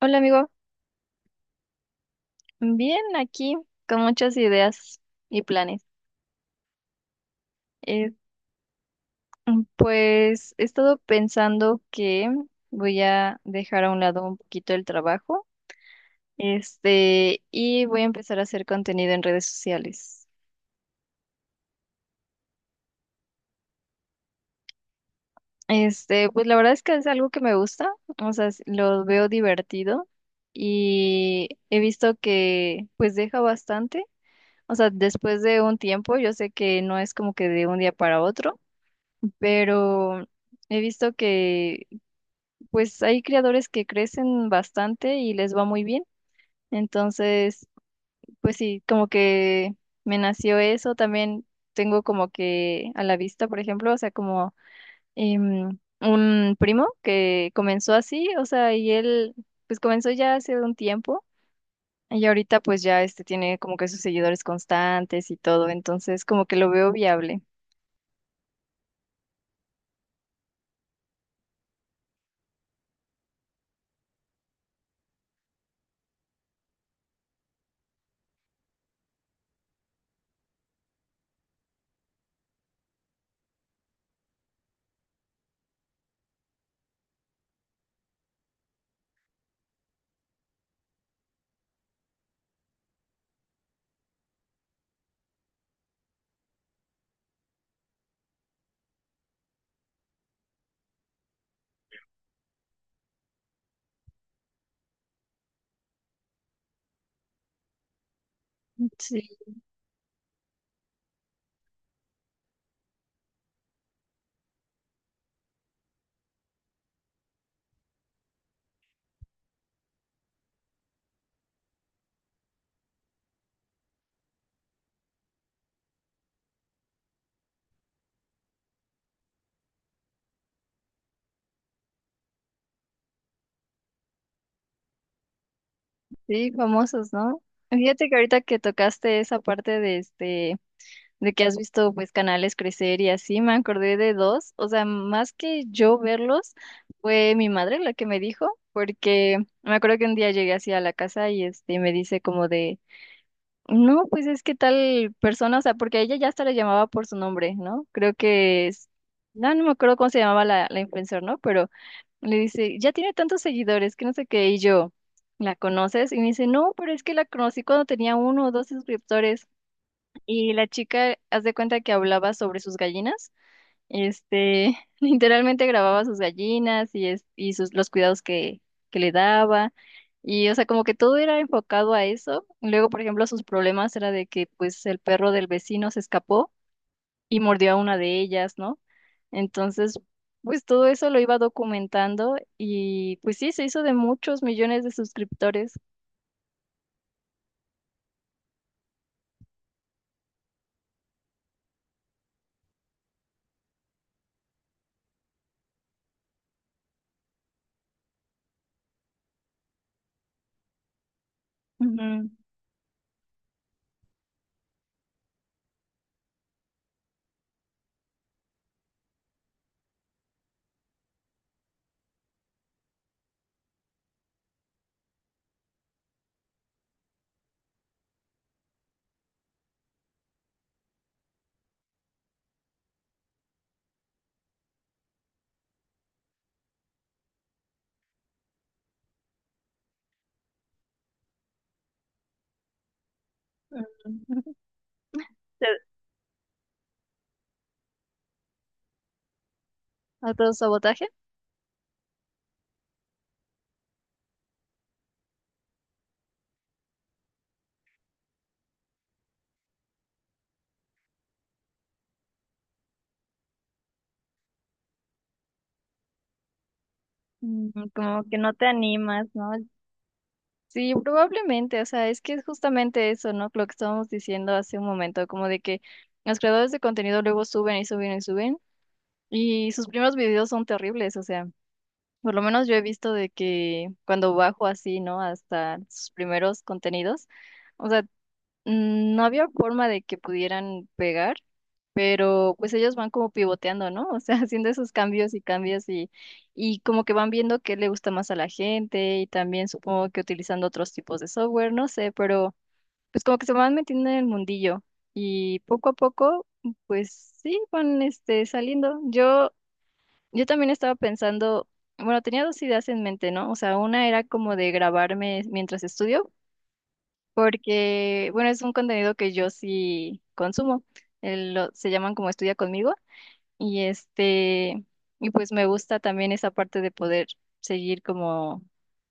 Hola amigo, bien aquí con muchas ideas y planes. Eh, pues he estado pensando que voy a dejar a un lado un poquito el trabajo, y voy a empezar a hacer contenido en redes sociales. Pues la verdad es que es algo que me gusta, o sea, lo veo divertido y he visto que pues deja bastante, o sea, después de un tiempo, yo sé que no es como que de un día para otro, pero he visto que pues hay creadores que crecen bastante y les va muy bien. Entonces, pues sí, como que me nació eso. También tengo como que a la vista, por ejemplo, o sea, como un primo que comenzó así, o sea, y él pues comenzó ya hace un tiempo. Y ahorita pues ya tiene como que sus seguidores constantes y todo, entonces como que lo veo viable. Sí. Sí, famosos, ¿no? Fíjate que ahorita que tocaste esa parte de de que has visto pues canales crecer y así, me acordé de dos, o sea, más que yo verlos, fue mi madre la que me dijo, porque me acuerdo que un día llegué así a la casa y me dice como de no, pues es que tal persona, o sea, porque a ella ya hasta la llamaba por su nombre, ¿no? Creo que es, no, no me acuerdo cómo se llamaba la influencer, ¿no? Pero le dice, ya tiene tantos seguidores, que no sé qué, y yo, ¿la conoces? Y me dice, no, pero es que la conocí cuando tenía uno o dos suscriptores. Y la chica, haz de cuenta que hablaba sobre sus gallinas. Literalmente grababa sus gallinas y, es, y sus, los cuidados que le daba. Y, o sea, como que todo era enfocado a eso. Luego, por ejemplo, sus problemas era de que, pues, el perro del vecino se escapó y mordió a una de ellas, ¿no? Entonces, pues, todo eso lo iba documentando y, pues, sí, se hizo de muchos millones de suscriptores. Ujú. Mm, te- ¿Autosabotaje? Como que no te animas, ¿no? Sí, probablemente, o sea, es que es justamente eso, ¿no? Lo que estábamos diciendo hace un momento, como de que los creadores de contenido luego suben y suben y suben, y sus primeros videos son terribles, o sea, por lo menos yo he visto de que cuando bajo así, ¿no? Hasta sus primeros contenidos, o sea, no había forma de que pudieran pegar, pero pues ellos van como pivoteando, ¿no? O sea, haciendo esos cambios y cambios y como que van viendo qué le gusta más a la gente y también supongo que utilizando otros tipos de software, no sé, pero pues como que se van metiendo en el mundillo y poco a poco, pues sí, van saliendo. Yo también estaba pensando, bueno, tenía dos ideas en mente, ¿no? O sea, una era como de grabarme mientras estudio porque, bueno, es un contenido que yo sí consumo. Se llaman como Estudia conmigo y pues me gusta también esa parte de poder seguir como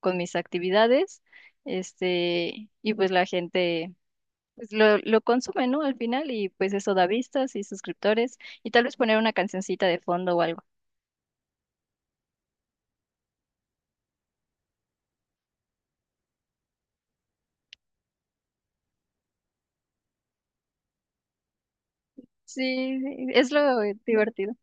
con mis actividades, y pues la gente pues lo consume, ¿no? Al final y pues eso da vistas y suscriptores y tal vez poner una cancioncita de fondo o algo. Sí, sí, es lo divertido.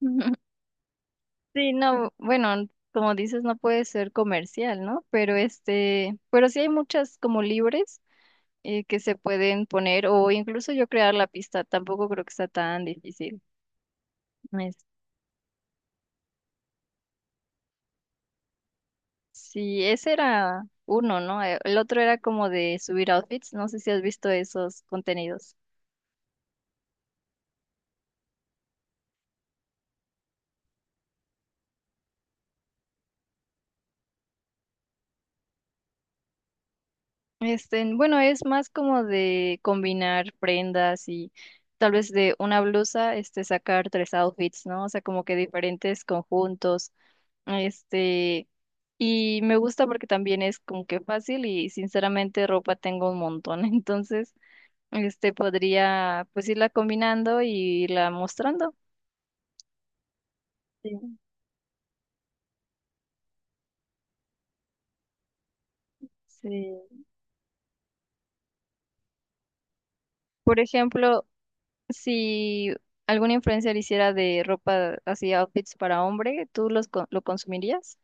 Sí, no, bueno, como dices, no puede ser comercial, ¿no? Pero sí hay muchas como libres, que se pueden poner o incluso yo crear la pista, tampoco creo que está tan difícil. Es- sí, ese era uno, ¿no? El otro era como de subir outfits, no sé si has visto esos contenidos. Bueno, es más como de combinar prendas y tal vez de una blusa, sacar tres outfits, ¿no? O sea, como que diferentes conjuntos. Este, y me gusta porque también es como que fácil y sinceramente ropa tengo un montón. Entonces, podría pues irla combinando y irla mostrando. Sí, sí. Por ejemplo, si alguna influencer hiciera de ropa así outfits para hombre, ¿tú lo consumirías?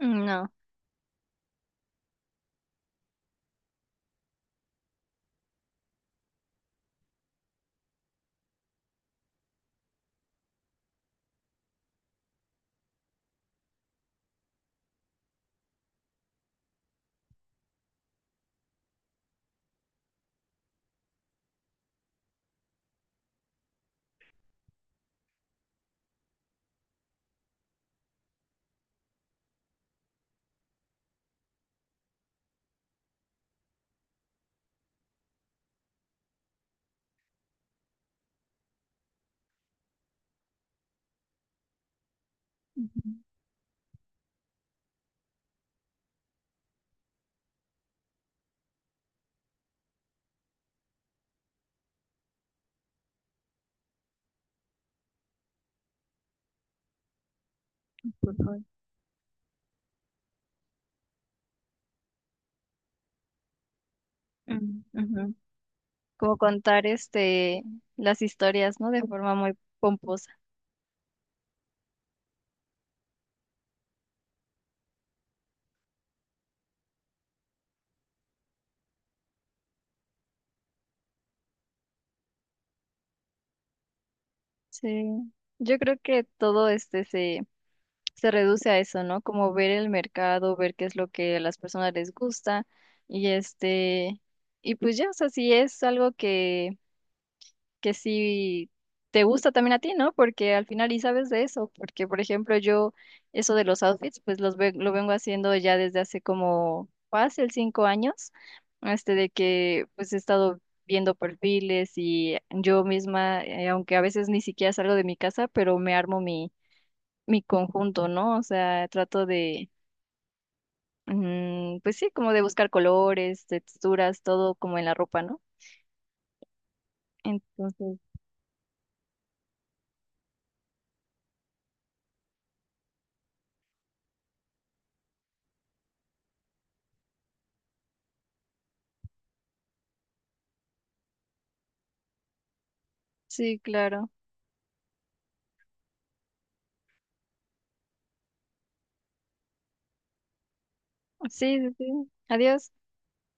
No. Ujú. Por favor. Mm, ujú. Como contar las historias, ¿no? De forma muy pomposa. Sí, yo creo que todo se reduce a eso, ¿no? Como ver el mercado, ver qué es lo que a las personas les gusta y este, y pues ya, o sea, si es algo que si te gusta también a ti, ¿no? Porque al final y sabes de eso, porque por ejemplo yo eso de los outfits, pues lo vengo haciendo ya desde hace como fácil 5 años, de que pues he estado viendo perfiles y yo misma, aunque a veces ni siquiera salgo de mi casa, pero me armo mi, conjunto, ¿no? O sea, trato de, pues sí, como de buscar colores, texturas, todo como en la ropa, ¿no? Entonces, sí, claro. Sí, sí, sí. Adiós.